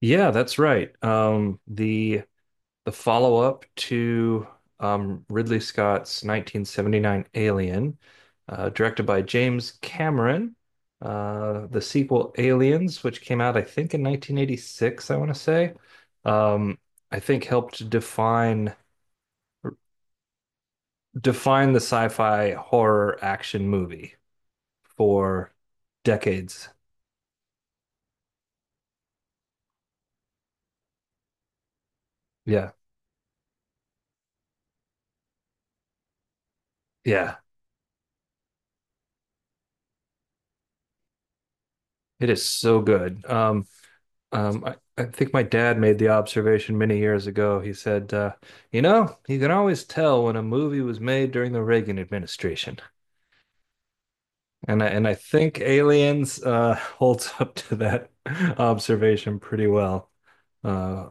Yeah, that's right. The follow-up to Ridley Scott's 1979 Alien, directed by James Cameron, the sequel Aliens, which came out I think in 1986, I want to say, um, I think helped define the sci-fi horror action movie for decades. Yeah, yeah, it is so good. I think my dad made the observation many years ago. He said, you can always tell when a movie was made during the Reagan administration. And I think Aliens holds up to that observation pretty well. Uh,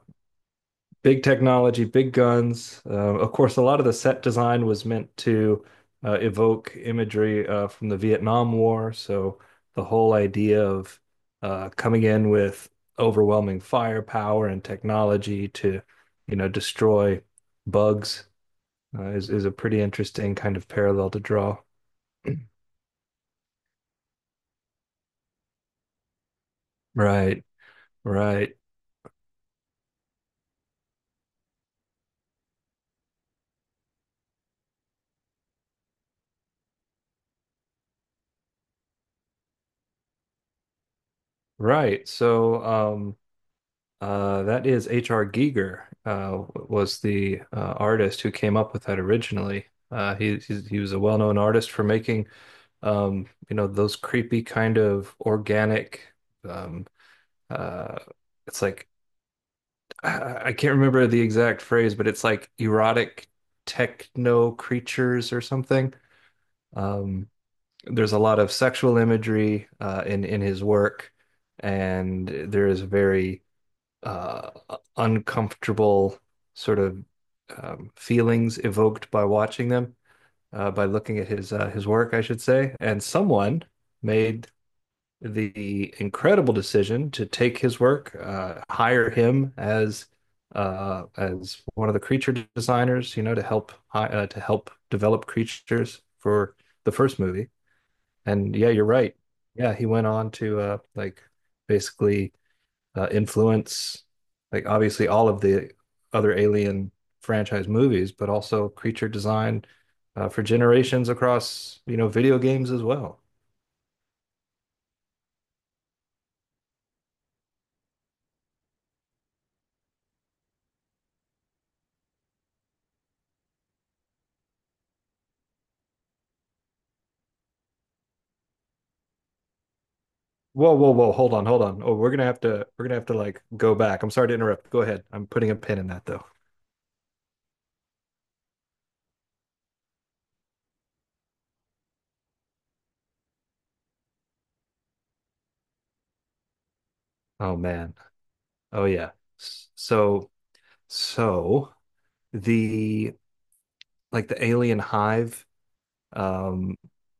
Big technology, big guns. Of course, a lot of the set design was meant to evoke imagery from the Vietnam War. So the whole idea of coming in with overwhelming firepower and technology to, you know, destroy bugs is a pretty interesting kind of parallel to draw. Right, right, right. So, that is H.R. Giger, was the artist who came up with that originally. He was a well-known artist for making you know, those creepy kind of organic um, uh, it's like I can't remember the exact phrase, but it's like erotic techno creatures or something. Um, there's a lot of sexual imagery in his work, and there is very uh, uncomfortable sort of feelings evoked by watching them, by looking at his work, I should say. And someone made the incredible decision to take his work, hire him as one of the creature designers, you know, to help develop creatures for the first movie. And yeah, you're right. Yeah, he went on to like basically influence, like obviously all of the other Alien franchise movies, but also creature design for generations across, you know, video games as well. Whoa, whoa, whoa! Hold on, hold on. Oh, we're gonna have to like go back. I'm sorry to interrupt. Go ahead. I'm putting a pin in that though. Oh man. Oh yeah. S- So, so the like the alien hive, um,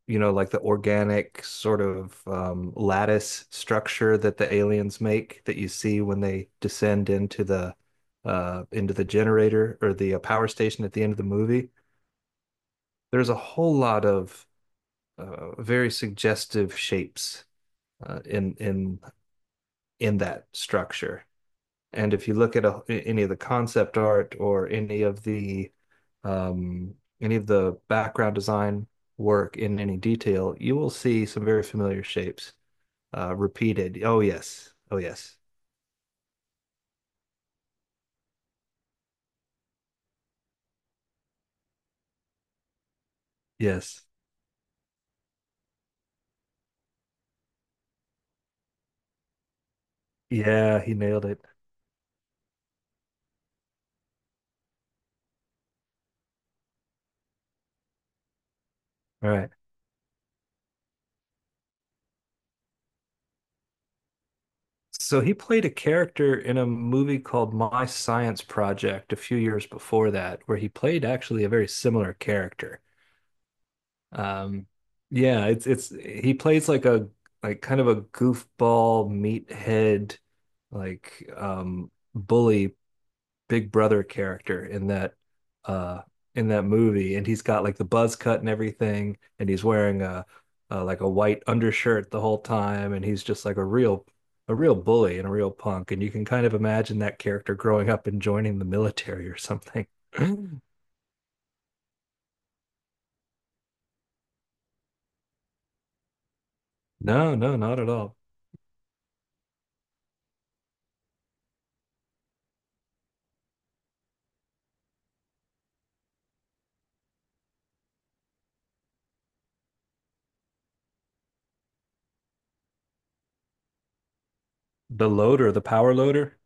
you know, like the organic sort of lattice structure that the aliens make that you see when they descend into the generator or the power station at the end of the movie. There's a whole lot of very suggestive shapes uh, in in in that structure. And if you look at a, any of the concept art or um, any of the background design work in any detail, you will see some very familiar shapes repeated. Oh, yes. Oh, yes. Yes. Yeah, he nailed it. All right. So he played a character in a movie called My Science Project a few years before that, where he played actually a very similar character. Um, yeah, it's he plays like a like kind of a goofball meathead like bully big brother character uh in that movie, and he's got like the buzz cut and everything, and he's wearing a like a white undershirt the whole time, and he's just like a real bully and a real punk, and you can kind of imagine that character growing up and joining the military or something. No, no, not at all. The loader, the power loader.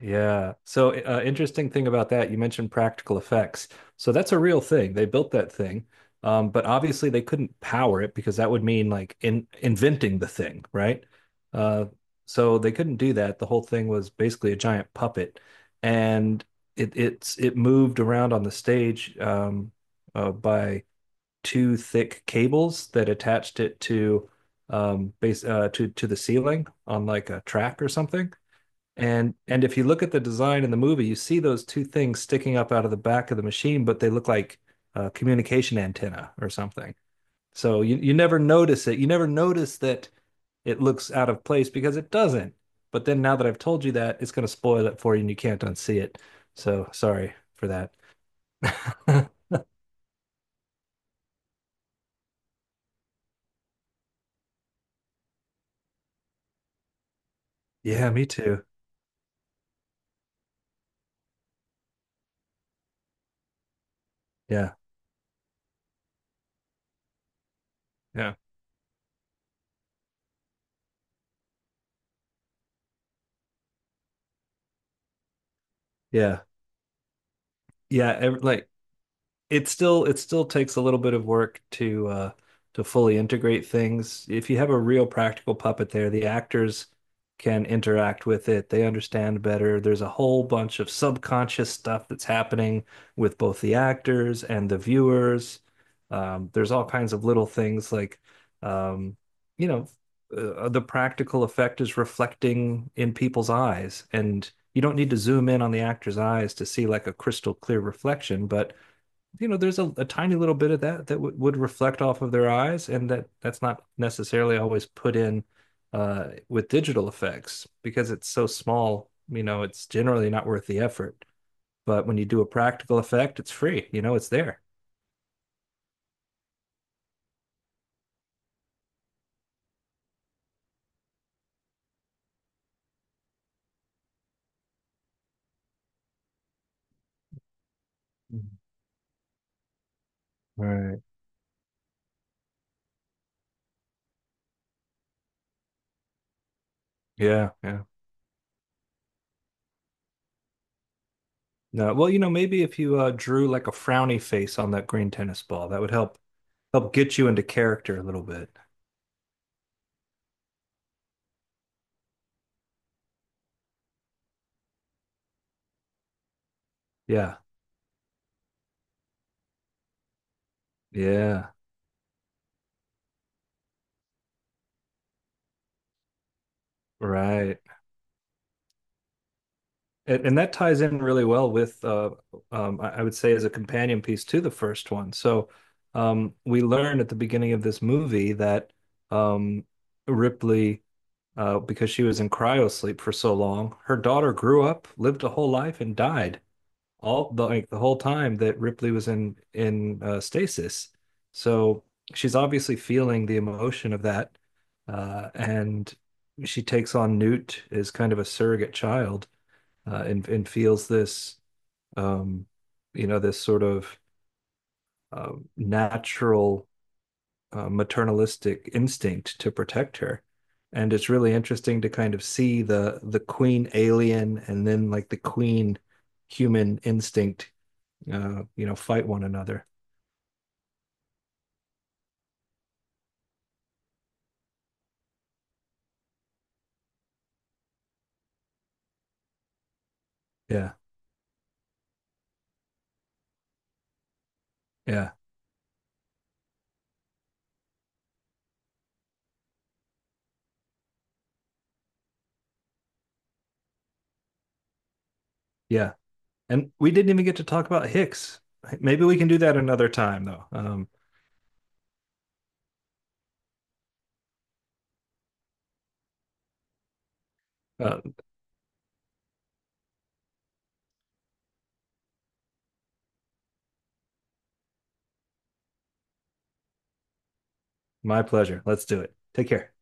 Yeah. So, interesting thing about that, you mentioned practical effects. So that's a real thing. They built that thing, but obviously they couldn't power it, because that would mean like in inventing the thing, right? Uh, so they couldn't do that. The whole thing was basically a giant puppet, and it moved around on the stage, by two thick cables that attached it to base to the ceiling on like a track or something. And if you look at the design in the movie, you see those two things sticking up out of the back of the machine, but they look like a communication antenna or something. So you never notice it. You never notice that it looks out of place, because it doesn't. But then now that I've told you that, it's going to spoil it for you and you can't unsee it. So sorry for that. Yeah, me too. Yeah. Yeah. Yeah. Like it still takes a little bit of work to fully integrate things. If you have a real practical puppet there, the actors can interact with it. They understand better. There's a whole bunch of subconscious stuff that's happening with both the actors and the viewers. There's all kinds of little things like, um, you know, the practical effect is reflecting in people's eyes. And you don't need to zoom in on the actor's eyes to see like a crystal clear reflection, but you know, there's a tiny little bit of that that would reflect off of their eyes, and that's not necessarily always put in with digital effects because it's so small. You know, it's generally not worth the effort. But when you do a practical effect, it's free. You know, it's there. Mhm. Right. Yeah, yeah. No, well, you know, maybe if you drew like a frowny face on that green tennis ball, that would help help get you into character a little bit. Yeah. Yeah. Right. And that ties in really well with, I would say, as a companion piece to the first one. So we learn at the beginning of this movie that um, Ripley, because she was in cryosleep for so long, her daughter grew up, lived a whole life, and died. All the like the whole time that Ripley was in stasis. So she's obviously feeling the emotion of that, and she takes on Newt as kind of a surrogate child, and feels this, um, you know, this sort of natural maternalistic instinct to protect her. And it's really interesting to kind of see the queen alien and then like the queen human instinct you know, fight one another. Yeah, yeah, yeah. And we didn't even get to talk about Hicks. Maybe we can do that another time, though. Uh, my pleasure. Let's do it. Take care.